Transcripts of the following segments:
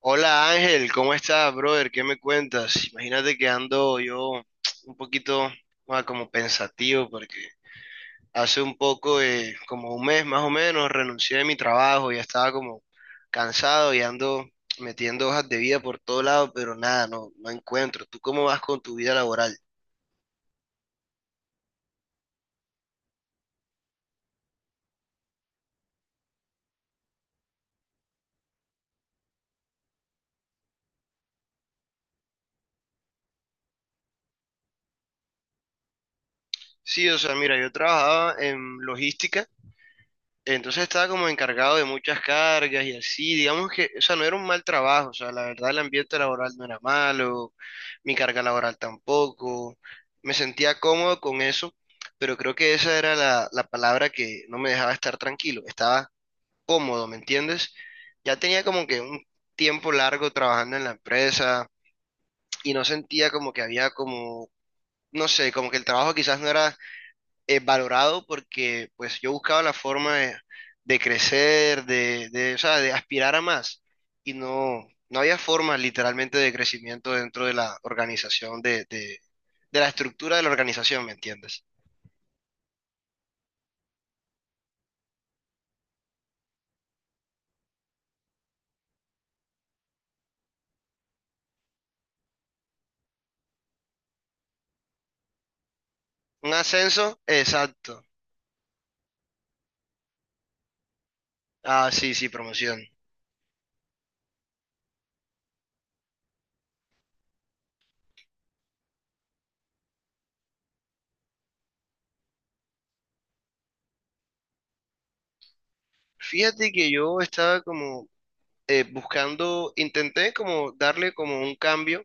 Hola Ángel, ¿cómo estás, brother? ¿Qué me cuentas? Imagínate que ando yo un poquito como pensativo porque hace un poco, como un mes más o menos, renuncié de mi trabajo. Ya estaba como cansado y ando metiendo hojas de vida por todo lado, pero nada, no encuentro. ¿Tú cómo vas con tu vida laboral? Sí, o sea, mira, yo trabajaba en logística, entonces estaba como encargado de muchas cargas y así, digamos que, o sea, no era un mal trabajo, o sea, la verdad el ambiente laboral no era malo, mi carga laboral tampoco. Me sentía cómodo con eso, pero creo que esa era la palabra que no me dejaba estar tranquilo. Estaba cómodo, ¿me entiendes? Ya tenía como que un tiempo largo trabajando en la empresa y no sentía como que había como, no sé, como que el trabajo quizás no era valorado, porque pues yo buscaba la forma de crecer, o sea, de aspirar a más, y no había forma literalmente de crecimiento dentro de la organización, de la estructura de la organización, ¿me entiendes? Un ascenso, exacto. Ah, sí, sí, promoción. Fíjate que yo estaba como buscando, intenté como darle como un cambio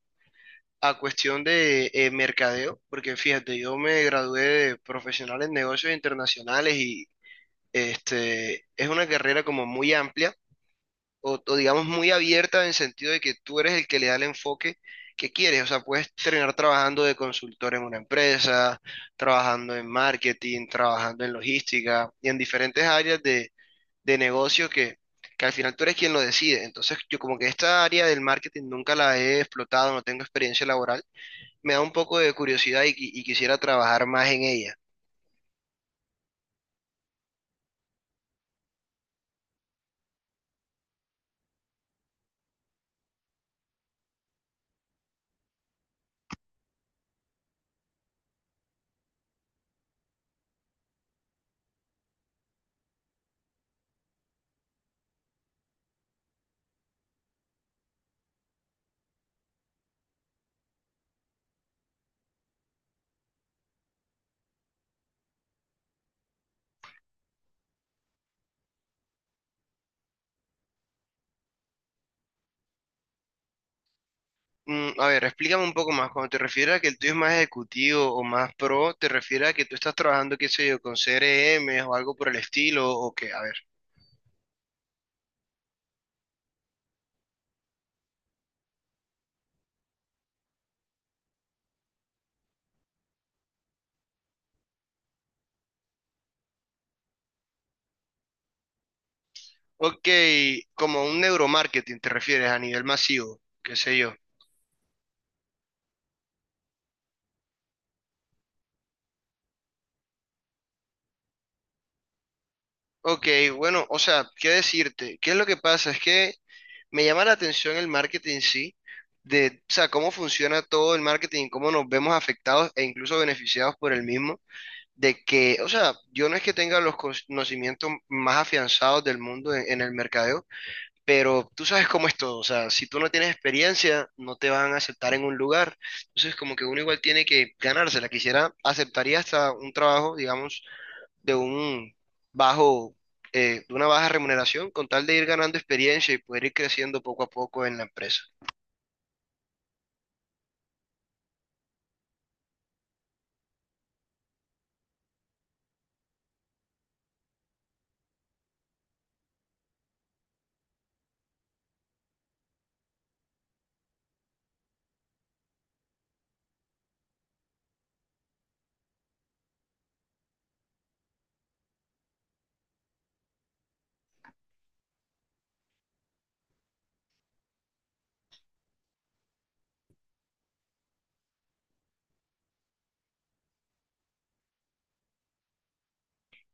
a cuestión de mercadeo, porque fíjate, yo me gradué de profesional en negocios internacionales. Y este, es una carrera como muy amplia o digamos muy abierta, en el sentido de que tú eres el que le da el enfoque que quieres. O sea, puedes terminar trabajando de consultor en una empresa, trabajando en marketing, trabajando en logística y en diferentes áreas de negocio, que al final tú eres quien lo decide. Entonces, yo como que esta área del marketing nunca la he explotado, no tengo experiencia laboral, me da un poco de curiosidad y y quisiera trabajar más en ella. Mm, a ver, explícame un poco más. Cuando te refieres a que el tuyo es más ejecutivo o más pro, ¿te refieres a que tú estás trabajando, qué sé yo, con CRM o algo por el estilo? ¿O qué? A ver. Ok, como un neuromarketing te refieres, a nivel masivo, qué sé yo. Ok, bueno, o sea, ¿qué decirte? ¿Qué es lo que pasa? Es que me llama la atención el marketing en sí, de, o sea, cómo funciona todo el marketing, cómo nos vemos afectados e incluso beneficiados por el mismo. De que, o sea, yo no es que tenga los conocimientos más afianzados del mundo en el mercadeo, pero tú sabes cómo es todo. O sea, si tú no tienes experiencia, no te van a aceptar en un lugar, entonces como que uno igual tiene que ganársela. Quisiera, aceptaría hasta un trabajo, digamos, de un bajo, de una baja remuneración, con tal de ir ganando experiencia y poder ir creciendo poco a poco en la empresa.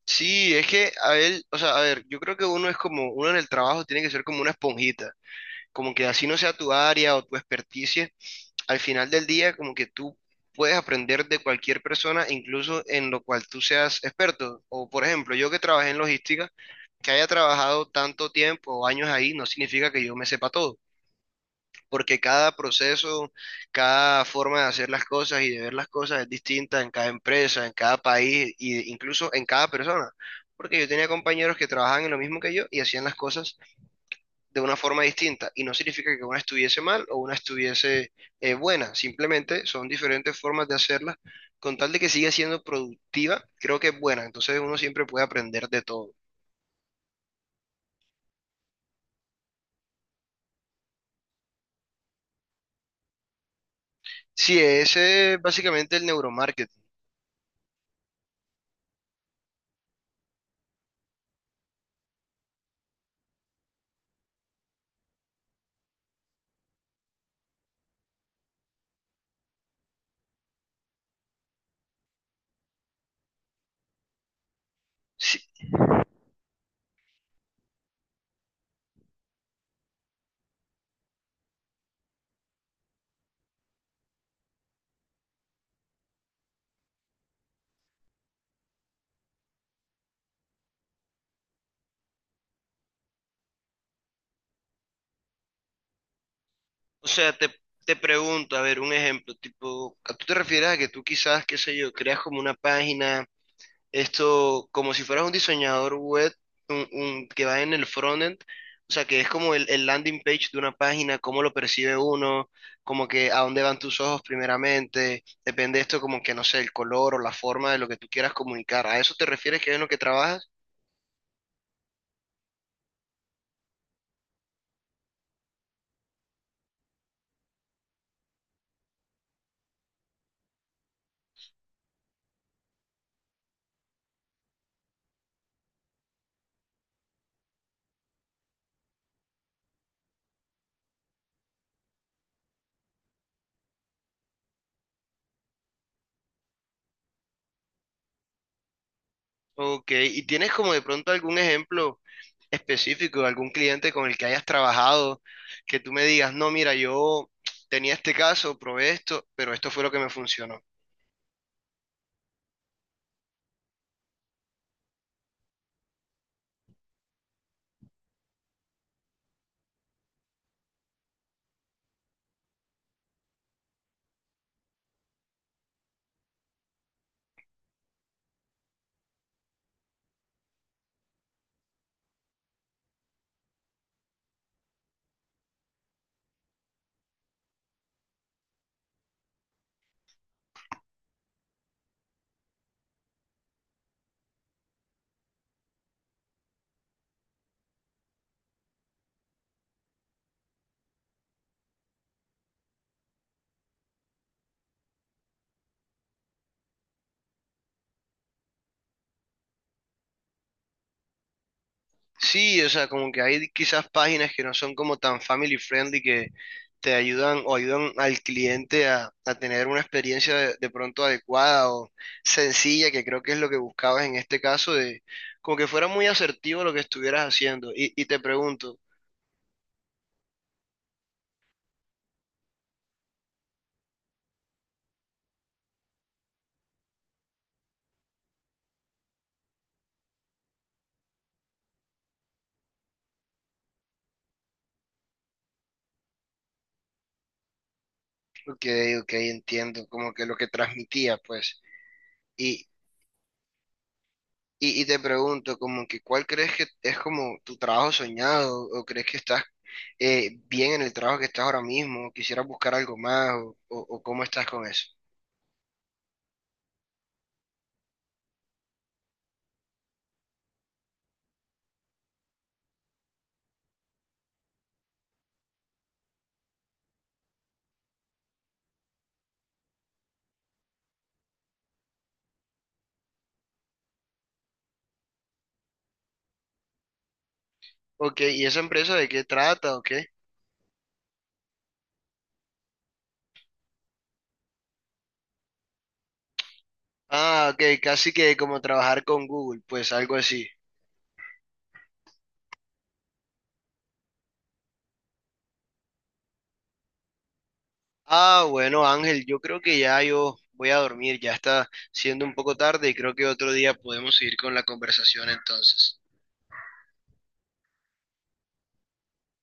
Sí, es que a él, o sea, a ver, yo creo que uno es como, uno en el trabajo tiene que ser como una esponjita. Como que así no sea tu área o tu experticia, al final del día como que tú puedes aprender de cualquier persona, incluso en lo cual tú seas experto. O por ejemplo, yo que trabajé en logística, que haya trabajado tanto tiempo o años ahí, no significa que yo me sepa todo, porque cada proceso, cada forma de hacer las cosas y de ver las cosas es distinta en cada empresa, en cada país e incluso en cada persona. Porque yo tenía compañeros que trabajaban en lo mismo que yo y hacían las cosas de una forma distinta. Y no significa que una estuviese mal o una estuviese buena, simplemente son diferentes formas de hacerla. Con tal de que siga siendo productiva, creo que es buena. Entonces uno siempre puede aprender de todo. Sí, ese es básicamente el neuromarketing. Sí, o sea, te pregunto, a ver, un ejemplo, tipo, ¿a tú te refieres a que tú quizás, qué sé yo, creas como una página? Esto, como si fueras un diseñador web, que va en el frontend, o sea, que es como el landing page de una página, cómo lo percibe uno, como que a dónde van tus ojos primeramente, depende esto como que, no sé, el color o la forma de lo que tú quieras comunicar. ¿A eso te refieres que es en lo que trabajas? Ok, ¿y tienes como de pronto algún ejemplo específico, de algún cliente con el que hayas trabajado, que tú me digas, no, mira, yo tenía este caso, probé esto, pero esto fue lo que me funcionó? Sí, o sea, como que hay quizás páginas que no son como tan family friendly, que te ayudan o ayudan al cliente a tener una experiencia de pronto adecuada o sencilla, que creo que es lo que buscabas en este caso, de como que fuera muy asertivo lo que estuvieras haciendo. Ok, ok, entiendo, como que lo que transmitía, pues. Y te pregunto, como que, ¿cuál crees que es como tu trabajo soñado? ¿O crees que estás bien en el trabajo que estás ahora mismo? ¿Quisieras buscar algo más? ¿O cómo estás con eso? Ok, ¿y esa empresa de qué trata o qué? Ah, ok, casi que como trabajar con Google, pues algo así. Ah, bueno, Ángel, yo creo que ya yo voy a dormir, ya está siendo un poco tarde y creo que otro día podemos seguir con la conversación entonces.